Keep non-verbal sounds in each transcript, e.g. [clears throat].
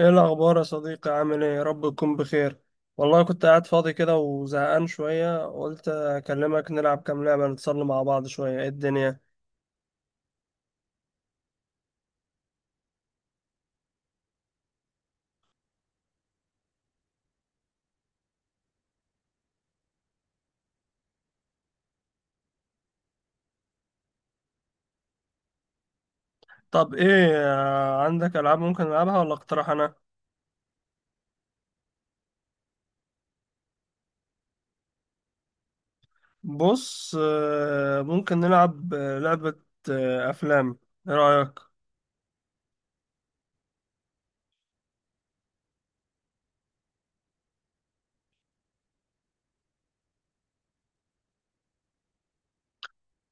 ايه الاخبار يا صديقي؟ عامل ايه؟ يا رب تكون بخير. والله كنت قاعد فاضي كده وزهقان شويه، قلت اكلمك نلعب كام لعبه نتصل مع بعض شويه. ايه الدنيا؟ طب ايه، عندك العاب ممكن نلعبها ولا اقترح انا؟ بص، ممكن نلعب لعبه افلام. ايه رايك؟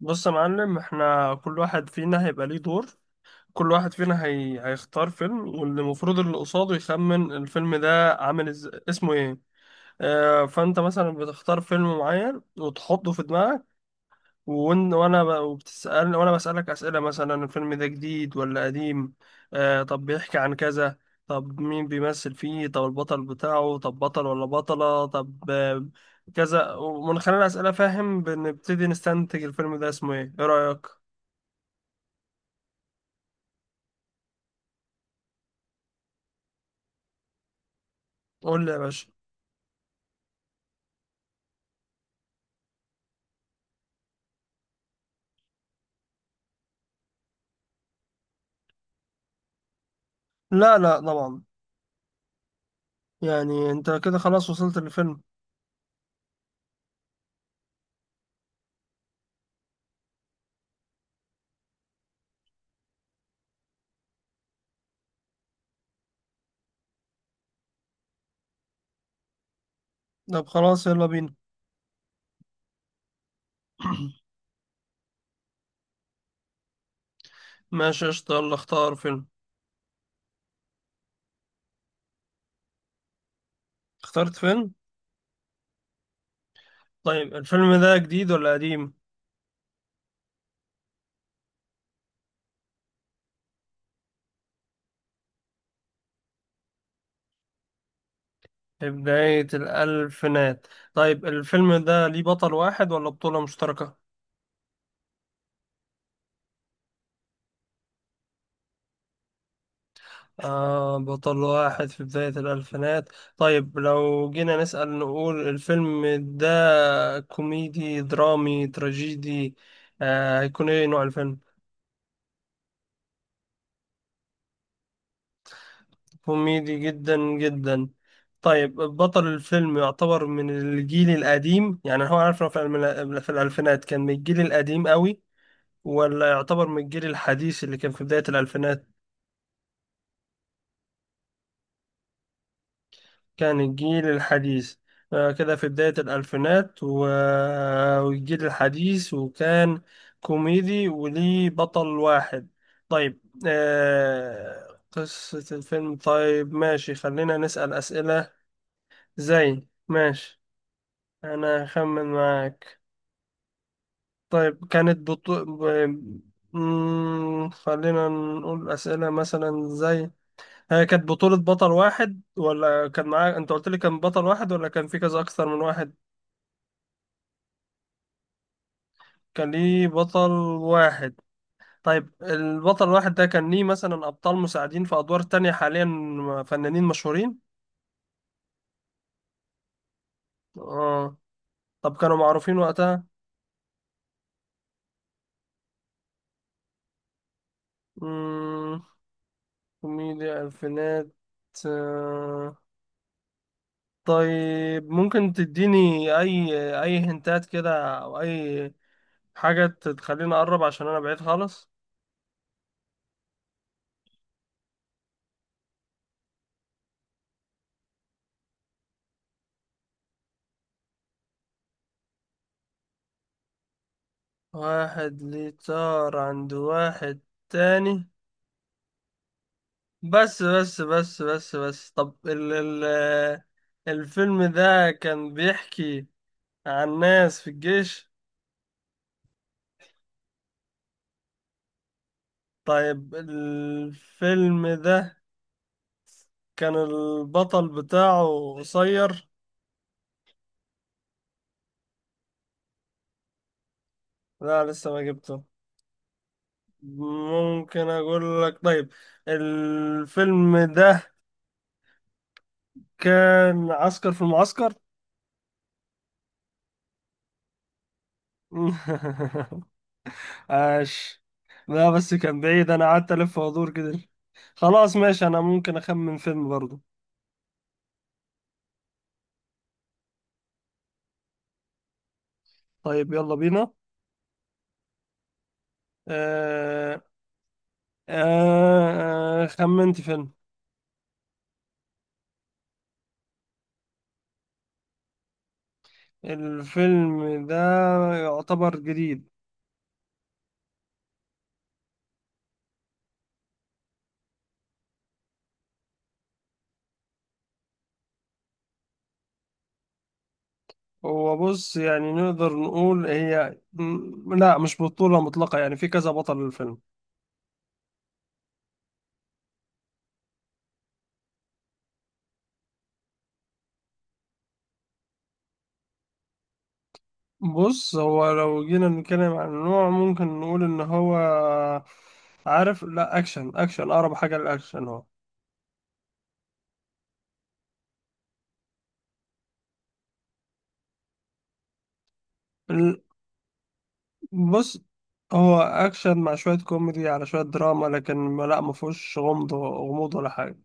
بص يا معلم، احنا كل واحد فينا هيبقى ليه دور. كل واحد فينا هيختار فيلم، والمفروض اللي قصاده يخمن الفيلم ده عامل اسمه ايه. فانت مثلا بتختار فيلم معين وتحطه في دماغك. وانا وبتسأل، وانا بسألك أسئلة، مثلا الفيلم ده جديد ولا قديم. طب بيحكي عن كذا، طب مين بيمثل فيه، طب البطل بتاعه، طب بطل ولا بطلة، طب كذا. ومن خلال الأسئلة فاهم، بنبتدي نستنتج الفيلم ده اسمه ايه. ايه رأيك؟ قول لي يا باشا. لا، لا، طبعا. يعني انت كده خلاص وصلت للفيلم. طب خلاص، يلا بينا. [clears throat] ماشي قشطة، يلا اختار فيلم. اخترت فيلم. طيب الفيلم ده جديد ولا قديم؟ في بداية الألفينات. طيب الفيلم ده ليه بطل واحد ولا بطولة مشتركة؟ آه، بطل واحد في بداية الألفينات. طيب لو جينا نسأل نقول الفيلم ده كوميدي درامي تراجيدي، هيكون ايه نوع الفيلم؟ كوميدي جدا جدا. طيب بطل الفيلم يعتبر من الجيل القديم، يعني هو عارف إنه في في الألفينات كان من الجيل القديم قوي، ولا يعتبر من الجيل الحديث اللي كان في بداية الألفينات؟ كان الجيل الحديث. كده في بداية الألفينات والجيل الحديث، وكان كوميدي وليه بطل واحد. طيب قصة الفيلم. طيب ماشي، خلينا نسأل أسئلة. زي ماشي، أنا أخمن معاك. طيب كانت بطو... ب... مم، خلينا نقول أسئلة مثلا زي هي كانت بطولة بطل واحد ولا كان معاه؟ انت قلت لي كان بطل واحد، ولا كان في كذا اكثر من واحد؟ كان ليه بطل واحد. طيب البطل الواحد ده كان ليه مثلا ابطال مساعدين في ادوار تانية، حاليا فنانين مشهورين؟ اه. طب كانوا معروفين وقتها؟ مم، كوميديا الفينات. آه. طيب ممكن تديني اي هنتات كده او اي حاجة تخليني اقرب، عشان انا بعيد خالص؟ واحد ليه طار عند واحد تاني. بس بس بس بس بس، طب ال الفيلم ده كان بيحكي عن ناس في الجيش؟ طيب الفيلم ده كان البطل بتاعه قصير؟ لا، لسه ما جبته. ممكن اقول لك طيب؟ الفيلم ده كان عسكر في المعسكر. [laughs] عاش. لا، بس كان بعيد، انا قعدت الف وادور كده. خلاص ماشي، انا ممكن اخمن فيلم برضه. طيب يلا بينا. آه آه آه، خمنت فيلم. الفيلم ده يعتبر جديد. هو بص، يعني نقدر نقول لا، مش بطولة مطلقة، يعني في كذا بطل للفيلم. بص هو لو جينا نتكلم عن النوع، ممكن نقول ان هو، عارف، لا، اكشن اكشن اقرب حاجة للاكشن هو. بص هو اكشن مع شويه كوميدي على شويه دراما، لكن لا ما فيهوش غموض ولا حاجه.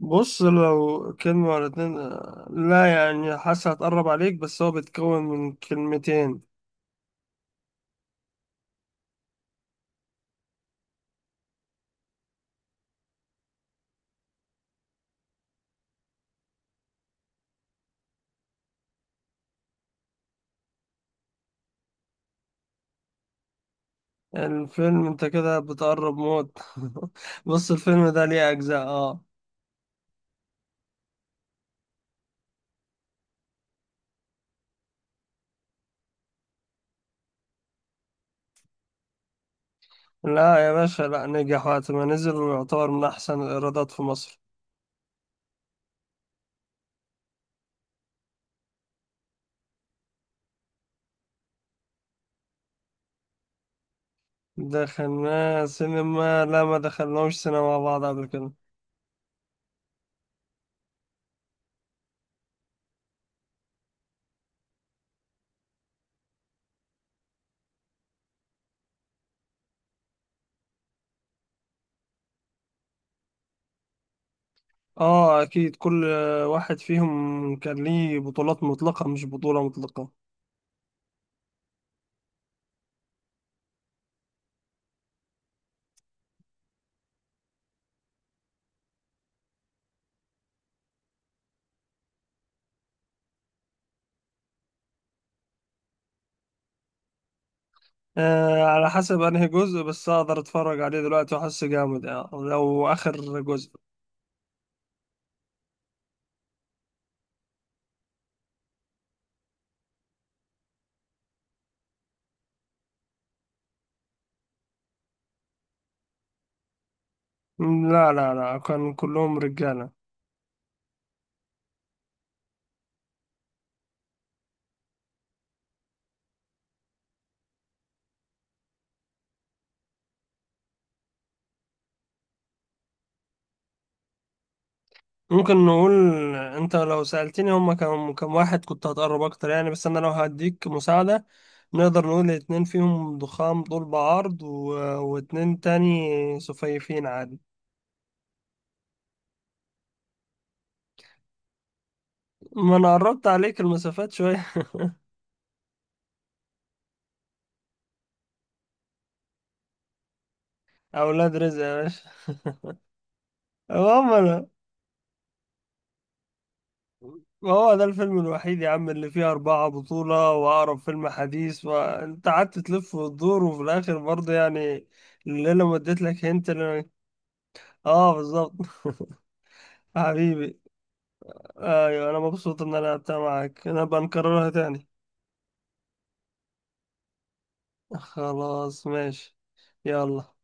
بص، لو كلمه ولا اتنين، لا يعني حاسس هتقرب عليك، بس هو بيتكون من كلمتين. الفيلم انت كده بتقرب موت. [laughs] بص الفيلم ده ليه اجزاء، اه. لا يا باشا، لا، نجح وقت ما نزل ويعتبر من احسن الايرادات في مصر. دخلناه سينما؟ لا، ما دخلناهوش سينما مع بعض قبل كده. اه اكيد، كل واحد فيهم كان ليه بطولات مطلقة مش بطولة مطلقة. آه، على حسب انهي جزء، بس اقدر اتفرج عليه دلوقتي واحس جامد يعني لو اخر جزء. لا، لا، لا، كان كلهم رجالة. ممكن نقول، انت لو سألتني هما كم واحد كنت هتقرب اكتر يعني، بس انا لو هديك مساعدة، نقدر نقول اتنين فيهم ضخام طول بعرض، واتنين تاني سفيفين عادي. ما انا قربت عليك المسافات شوية. [laughs] اولاد رزق يا باشا. هو ده، ما هو ده الفيلم الوحيد يا عم اللي فيه أربعة بطولة وأقرب فيلم حديث، وأنت قعدت تلف وتدور، وفي الآخر برضه يعني الليلة ما اديت لك هنت اللي... آه بالظبط. [laughs] حبيبي. أيوة، أنا مبسوط إن أنا لعبتها معاك. أنا بنكررها تاني. خلاص ماشي، يلا.